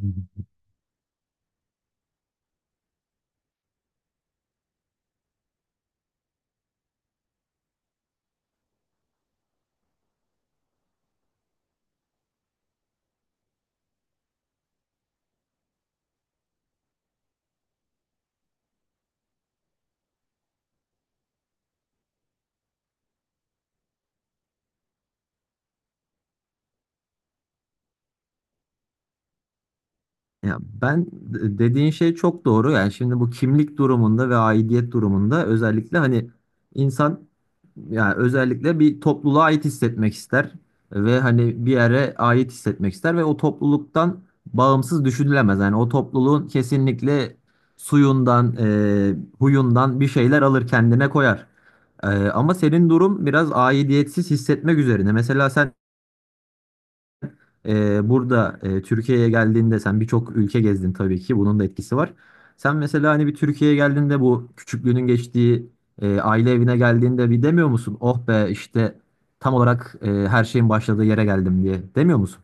Hı hı. Ya dediğin şey çok doğru. Yani şimdi bu kimlik durumunda ve aidiyet durumunda özellikle hani insan, yani özellikle bir topluluğa ait hissetmek ister ve hani bir yere ait hissetmek ister ve o topluluktan bağımsız düşünülemez. Yani o topluluğun kesinlikle suyundan, huyundan bir şeyler alır, kendine koyar. Ama senin durum biraz aidiyetsiz hissetmek üzerine. Mesela sen burada Türkiye'ye geldiğinde sen birçok ülke gezdin tabii ki. Bunun da etkisi var. Sen mesela hani bir Türkiye'ye geldiğinde, bu küçüklüğünün geçtiği aile evine geldiğinde bir demiyor musun? Oh be, işte tam olarak her şeyin başladığı yere geldim diye. Demiyor musun?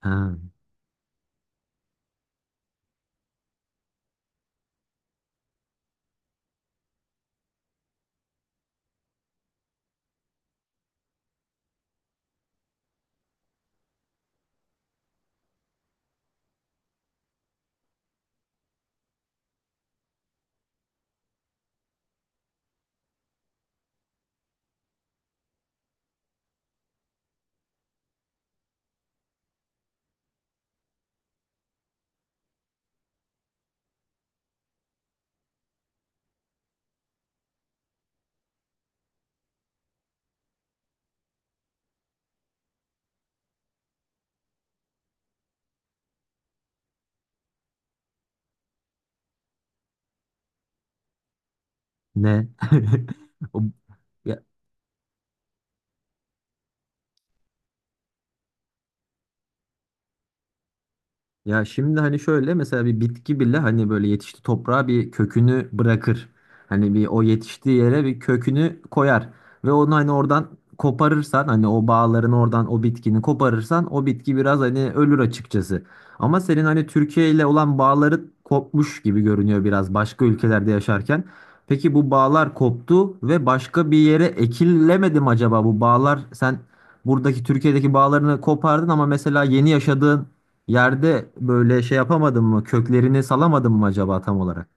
Ha, ne? O- ya, Ya şimdi hani şöyle, mesela bir bitki bile hani böyle yetişti toprağa, bir kökünü bırakır. Hani bir o yetiştiği yere bir kökünü koyar ve onu hani oradan koparırsan, hani o bağların oradan, o bitkini koparırsan o bitki biraz hani ölür açıkçası. Ama senin hani Türkiye ile olan bağları kopmuş gibi görünüyor biraz başka ülkelerde yaşarken. Peki bu bağlar koptu ve başka bir yere ekilemedi mi acaba? Bu bağlar, sen buradaki Türkiye'deki bağlarını kopardın ama mesela yeni yaşadığın yerde böyle şey yapamadın mı? Köklerini salamadın mı acaba tam olarak?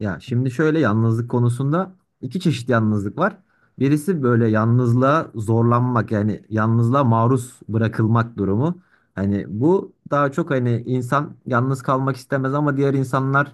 Ya şimdi şöyle, yalnızlık konusunda iki çeşit yalnızlık var. Birisi böyle yalnızlığa zorlanmak, yani yalnızlığa maruz bırakılmak durumu. Hani bu daha çok hani insan yalnız kalmak istemez ama diğer insanlar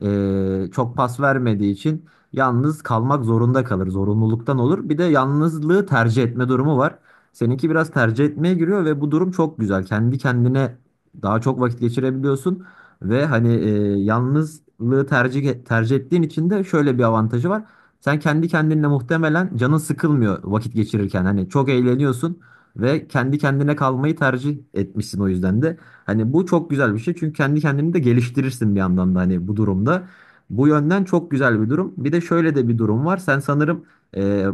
çok pas vermediği için yalnız kalmak zorunda kalır. Zorunluluktan olur. Bir de yalnızlığı tercih etme durumu var. Seninki biraz tercih etmeye giriyor ve bu durum çok güzel. Kendi kendine daha çok vakit geçirebiliyorsun. Ve hani yalnızlığı tercih ettiğin için de şöyle bir avantajı var. Sen kendi kendinle muhtemelen canın sıkılmıyor vakit geçirirken. Hani çok eğleniyorsun ve kendi kendine kalmayı tercih etmişsin o yüzden de. Hani bu çok güzel bir şey, çünkü kendi kendini de geliştirirsin bir yandan da hani bu durumda. Bu yönden çok güzel bir durum. Bir de şöyle de bir durum var. Sen sanırım e,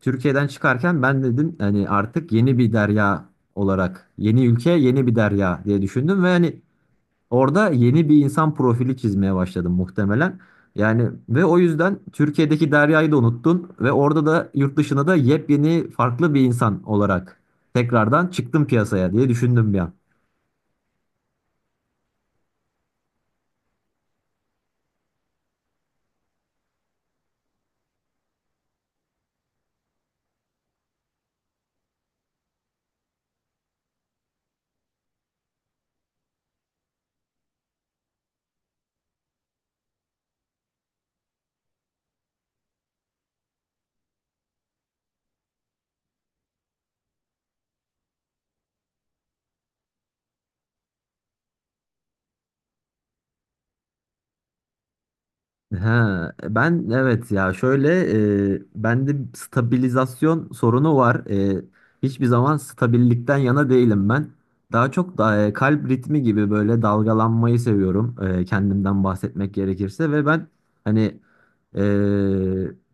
Türkiye'den çıkarken ben dedim hani artık yeni bir derya olarak, yeni ülke, yeni bir derya diye düşündüm ve hani orada yeni bir insan profili çizmeye başladım muhtemelen. Yani ve o yüzden Türkiye'deki Derya'yı da unuttun ve orada da, yurt dışına da yepyeni farklı bir insan olarak tekrardan çıktım piyasaya diye düşündüm bir an. Ha, ben evet, ya şöyle, bende stabilizasyon sorunu var. E, Hiçbir zaman stabillikten yana değilim ben. Daha çok da kalp ritmi gibi böyle dalgalanmayı seviyorum. Kendimden bahsetmek gerekirse, ve ben hani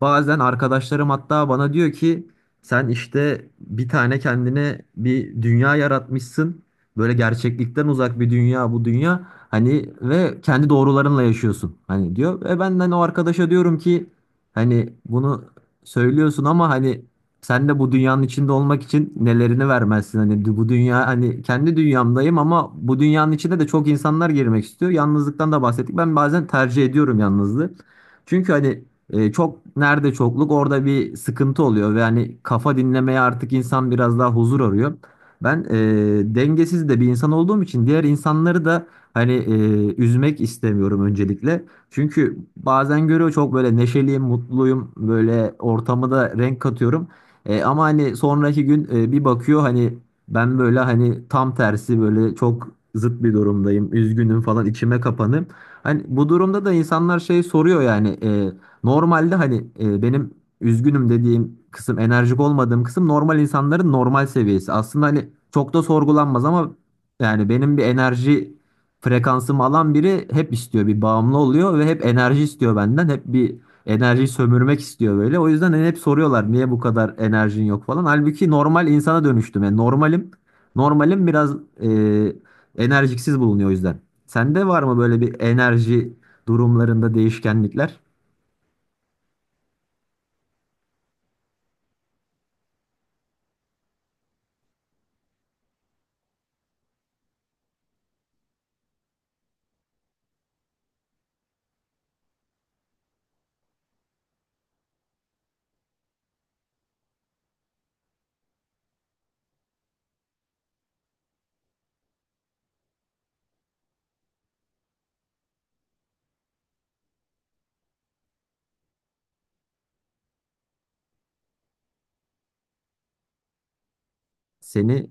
bazen arkadaşlarım hatta bana diyor ki, sen işte bir tane kendine bir dünya yaratmışsın. Böyle gerçeklikten uzak bir dünya bu dünya. Hani ve kendi doğrularınla yaşıyorsun. Hani diyor. Ve ben hani o arkadaşa diyorum ki, hani bunu söylüyorsun ama hani sen de bu dünyanın içinde olmak için nelerini vermezsin? Hani bu dünya, hani kendi dünyamdayım ama bu dünyanın içine de çok insanlar girmek istiyor. Yalnızlıktan da bahsettik. Ben bazen tercih ediyorum yalnızlığı. Çünkü hani çok, nerede çokluk orada bir sıkıntı oluyor ve hani kafa dinlemeye artık insan biraz daha huzur arıyor. Ben dengesiz de bir insan olduğum için diğer insanları da hani üzmek istemiyorum öncelikle. Çünkü bazen görüyor, çok böyle neşeliyim, mutluyum, böyle ortamı da renk katıyorum. Ama hani sonraki gün bir bakıyor, hani ben böyle hani tam tersi böyle çok zıt bir durumdayım, üzgünüm falan, içime kapanım. Hani bu durumda da insanlar şey soruyor, yani normalde hani benim üzgünüm dediğim kısım, enerjik olmadığım kısım, normal insanların normal seviyesi. Aslında hani çok da sorgulanmaz ama yani benim bir enerji frekansımı alan biri hep istiyor, bir bağımlı oluyor ve hep enerji istiyor benden. Hep bir enerjiyi sömürmek istiyor böyle. O yüzden hani hep soruyorlar niye bu kadar enerjin yok falan. Halbuki normal insana dönüştüm. Yani normalim. Normalim biraz e, enerjiksiz bulunuyor o yüzden. Sende var mı böyle bir enerji durumlarında değişkenlikler? Seni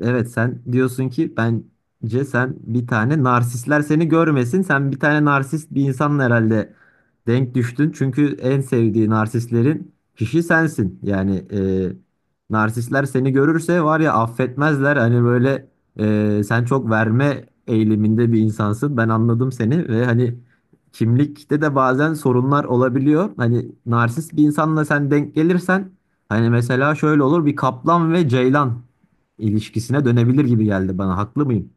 Evet, sen diyorsun ki, bence sen bir tane narsistler seni görmesin. Sen bir tane narsist bir insanla herhalde denk düştün. Çünkü en sevdiği narsistlerin kişi sensin. Yani narsistler seni görürse var ya, affetmezler. Hani böyle sen çok verme eğiliminde bir insansın. Ben anladım seni ve hani kimlikte de bazen sorunlar olabiliyor. Hani narsist bir insanla sen denk gelirsen, hani mesela şöyle olur, bir kaplan ve ceylan ilişkisine dönebilir gibi geldi bana. Haklı mıyım?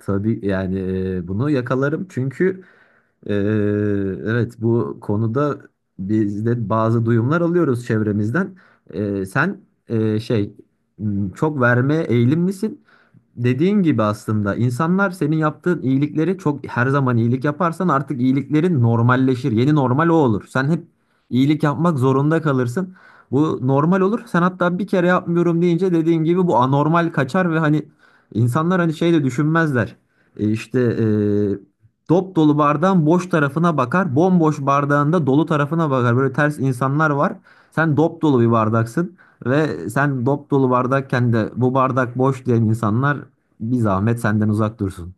Tabii yani, bunu yakalarım çünkü e, evet bu konuda biz de bazı duyumlar alıyoruz çevremizden. Sen çok vermeye eğilim misin? Dediğin gibi aslında insanlar senin yaptığın iyilikleri çok, her zaman iyilik yaparsan artık iyiliklerin normalleşir. Yeni normal o olur. Sen hep iyilik yapmak zorunda kalırsın. Bu normal olur. Sen hatta bir kere yapmıyorum deyince, dediğin gibi bu anormal kaçar ve hani insanlar hani şey de düşünmezler. E işte e, dop dolu bardağın boş tarafına bakar, bomboş bardağın da dolu tarafına bakar. Böyle ters insanlar var. Sen dop dolu bir bardaksın. Ve sen dop dolu bardakken de bu bardak boş diyen insanlar bir zahmet senden uzak dursun.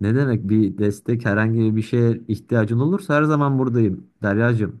Ne demek, bir destek, herhangi bir şeye ihtiyacın olursa her zaman buradayım Deryacığım.